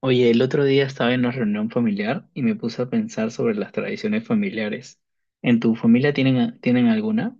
Oye, el otro día estaba en una reunión familiar y me puse a pensar sobre las tradiciones familiares. ¿En tu familia tienen alguna?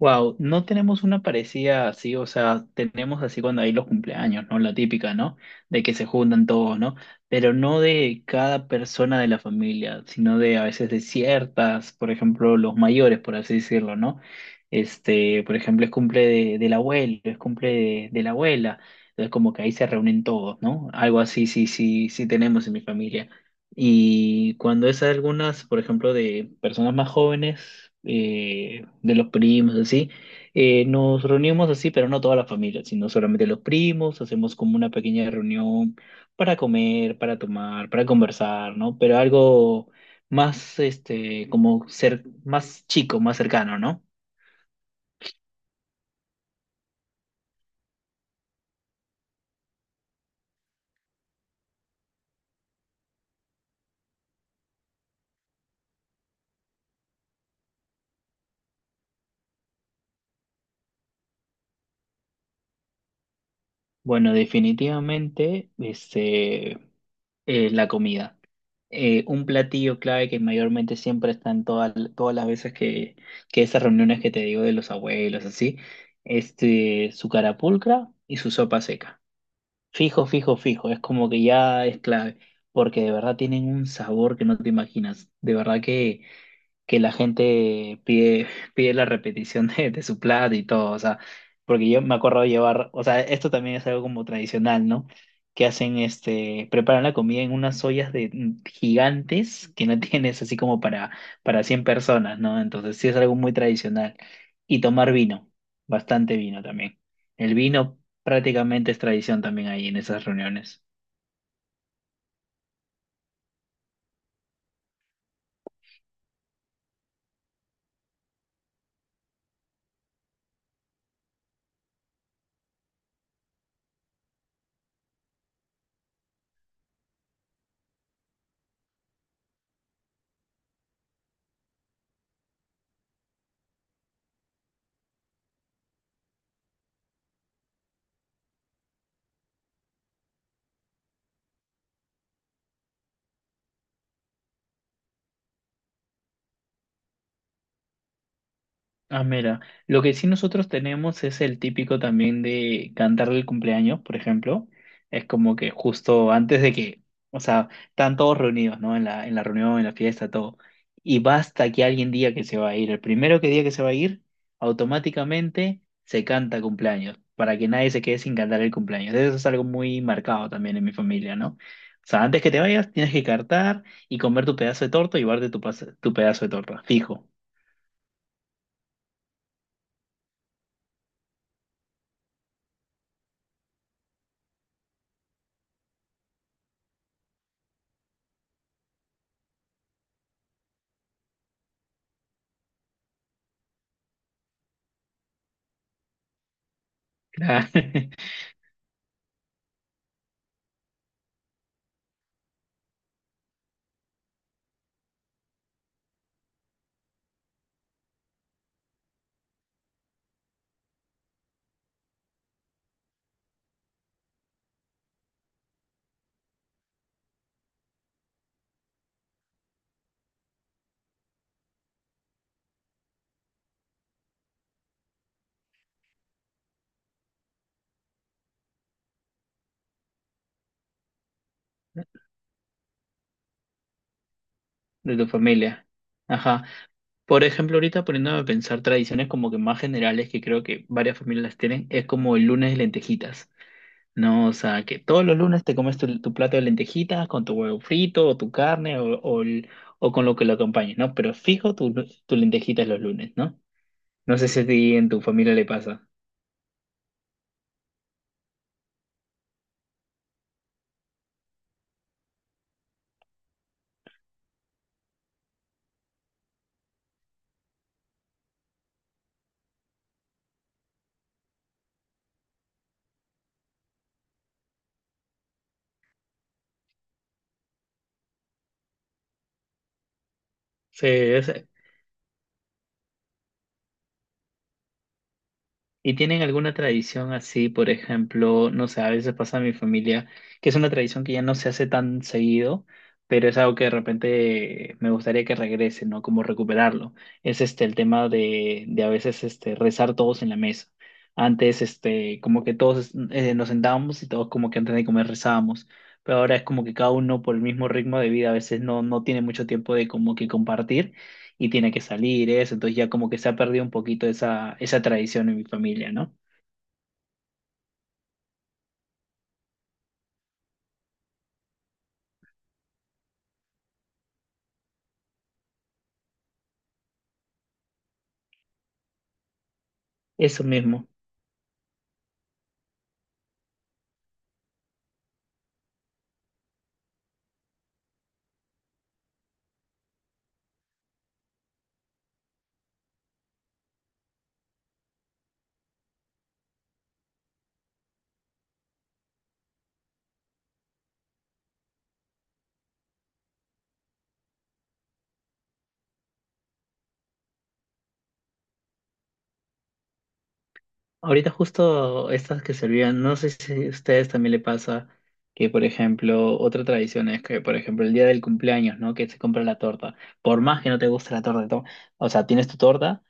Wow, no tenemos una parecida así, o sea, tenemos así cuando hay los cumpleaños, ¿no? La típica, ¿no? De que se juntan todos, ¿no? Pero no de cada persona de la familia, sino de a veces de ciertas, por ejemplo, los mayores, por así decirlo, ¿no? Este, por ejemplo, es cumple del abuelo, es cumple de la abuela, entonces como que ahí se reúnen todos, ¿no? Algo así, sí, sí, sí tenemos en mi familia. Y cuando es algunas, por ejemplo, de personas más jóvenes, de los primos, así, nos reunimos así, pero no toda la familia, sino solamente los primos, hacemos como una pequeña reunión para comer, para tomar, para conversar, ¿no? Pero algo más, este, como ser más chico, más cercano, ¿no? Bueno, definitivamente, este, la comida. Un platillo clave que mayormente siempre están todas las veces que esas reuniones que te digo de los abuelos, así, este, su carapulcra y su sopa seca. Fijo, fijo, fijo, es como que ya es clave, porque de verdad tienen un sabor que no te imaginas. De verdad que la gente pide la repetición de su plato y todo, o sea, porque yo me acuerdo de llevar, o sea, esto también es algo como tradicional, ¿no? Que hacen, este, preparan la comida en unas ollas de gigantes que no tienes así como para 100 personas, ¿no? Entonces sí es algo muy tradicional. Y tomar vino, bastante vino también. El vino prácticamente es tradición también ahí en esas reuniones. Ah, mira, lo que sí nosotros tenemos es el típico también de cantarle el cumpleaños, por ejemplo. Es como que justo antes de que, o sea, están todos reunidos, ¿no? En la reunión, en la fiesta, todo. Y basta que alguien diga que se va a ir. El primero que diga que se va a ir, automáticamente se canta cumpleaños, para que nadie se quede sin cantar el cumpleaños. Eso es algo muy marcado también en mi familia, ¿no? O sea, antes que te vayas, tienes que cantar y comer tu pedazo de torta y llevarte tu, tu pedazo de torta, fijo. Claro. De tu familia. Ajá. Por ejemplo, ahorita poniéndome a pensar tradiciones como que más generales que creo que varias familias las tienen, es como el lunes de lentejitas, ¿no? O sea, que todos los lunes te comes tu, tu plato de lentejitas con tu huevo frito o tu carne o, o con lo que lo acompañe, ¿no? Pero fijo tu, tu lentejitas los lunes, ¿no? No sé si a ti en tu familia le pasa. Sí, es, ¿Y tienen alguna tradición así, por ejemplo, no sé, a veces pasa en mi familia, que es una tradición que ya no se hace tan seguido, pero es algo que de repente me gustaría que regrese, ¿no? Como recuperarlo. Es este el tema de a veces este, rezar todos en la mesa. Antes, este, como que todos nos sentábamos y todos como que antes de comer rezábamos, pero ahora es como que cada uno por el mismo ritmo de vida a veces no, no tiene mucho tiempo de como que compartir y tiene que salir eso, entonces ya como que se ha perdido un poquito esa, esa tradición en mi familia, ¿no? Eso mismo. Ahorita justo estas que se olvidan, no sé si a ustedes también le pasa que, por ejemplo, otra tradición es que, por ejemplo, el día del cumpleaños, ¿no? Que se compra la torta. Por más que no te guste la torta, o sea, tienes tu torta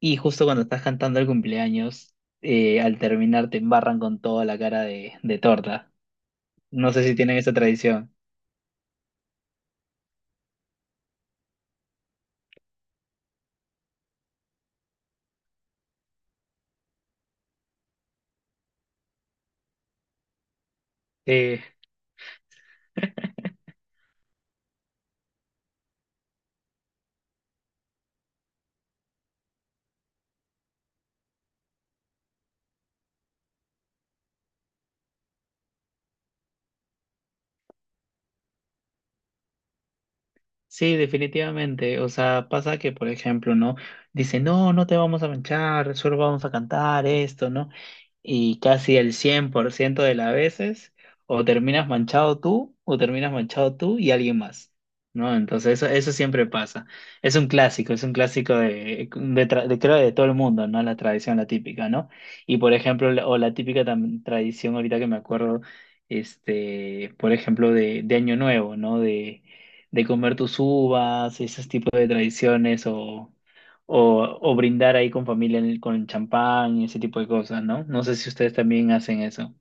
y justo cuando estás cantando el cumpleaños, al terminar te embarran con toda la cara de torta. No sé si tienen esa tradición. Sí. Sí, definitivamente. O sea, pasa que, por ejemplo, ¿no? Dice, no, no te vamos a manchar, solo vamos a cantar esto, ¿no? Y casi el 100% de las veces, o terminas manchado tú, o terminas manchado tú y alguien más, ¿no? Entonces, eso siempre pasa. Es un clásico de, creo, de todo el mundo, ¿no? La tradición, la típica, ¿no? Y, por ejemplo, o la típica tradición, ahorita que me acuerdo, este, por ejemplo, de Año Nuevo, ¿no? De comer tus uvas, esos tipos de tradiciones o brindar ahí con familia en con champán y ese tipo de cosas, ¿no? No sé si ustedes también hacen eso.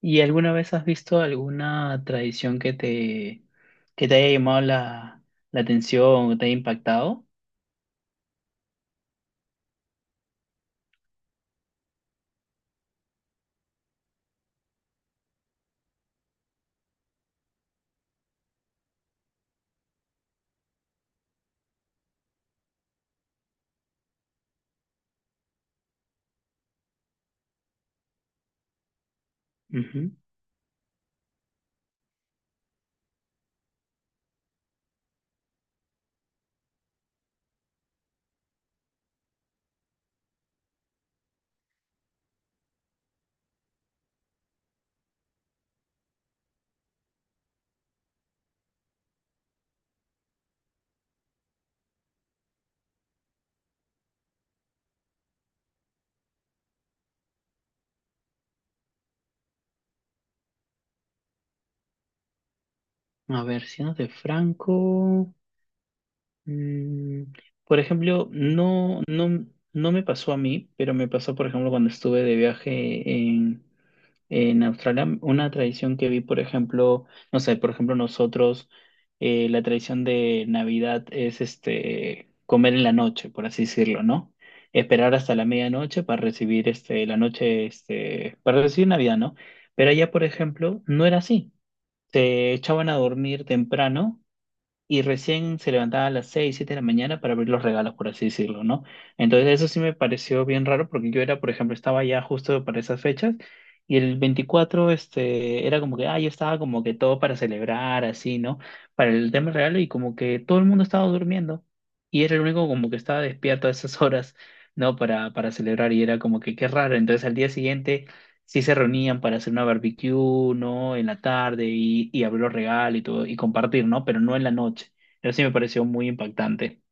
¿Y alguna vez has visto alguna tradición que te haya llamado la, la atención o te haya impactado? Ujú. A ver, siendo de Franco. Mm, por ejemplo, no, no, no me pasó a mí, pero me pasó, por ejemplo, cuando estuve de viaje en Australia, una tradición que vi, por ejemplo, no sé, por ejemplo, nosotros, la tradición de Navidad es este comer en la noche, por así decirlo, ¿no? Esperar hasta la medianoche para recibir este, la noche, este, para recibir Navidad, ¿no? Pero allá, por ejemplo, no era así. Se echaban a dormir temprano y recién se levantaba a las 6 o 7 de la mañana para abrir los regalos, por así decirlo, ¿no? Entonces eso sí me pareció bien raro porque yo era, por ejemplo, estaba ya justo para esas fechas y el 24 este, era como que, ah, yo estaba como que todo para celebrar, así, ¿no? Para el tema del regalo y como que todo el mundo estaba durmiendo y era el único como que estaba despierto a esas horas, ¿no? Para celebrar y era como que qué raro. Entonces al día siguiente sí se reunían para hacer una barbecue, ¿no? En la tarde y abrir los regalos y todo, y compartir, ¿no? Pero no en la noche. Eso sí me pareció muy impactante.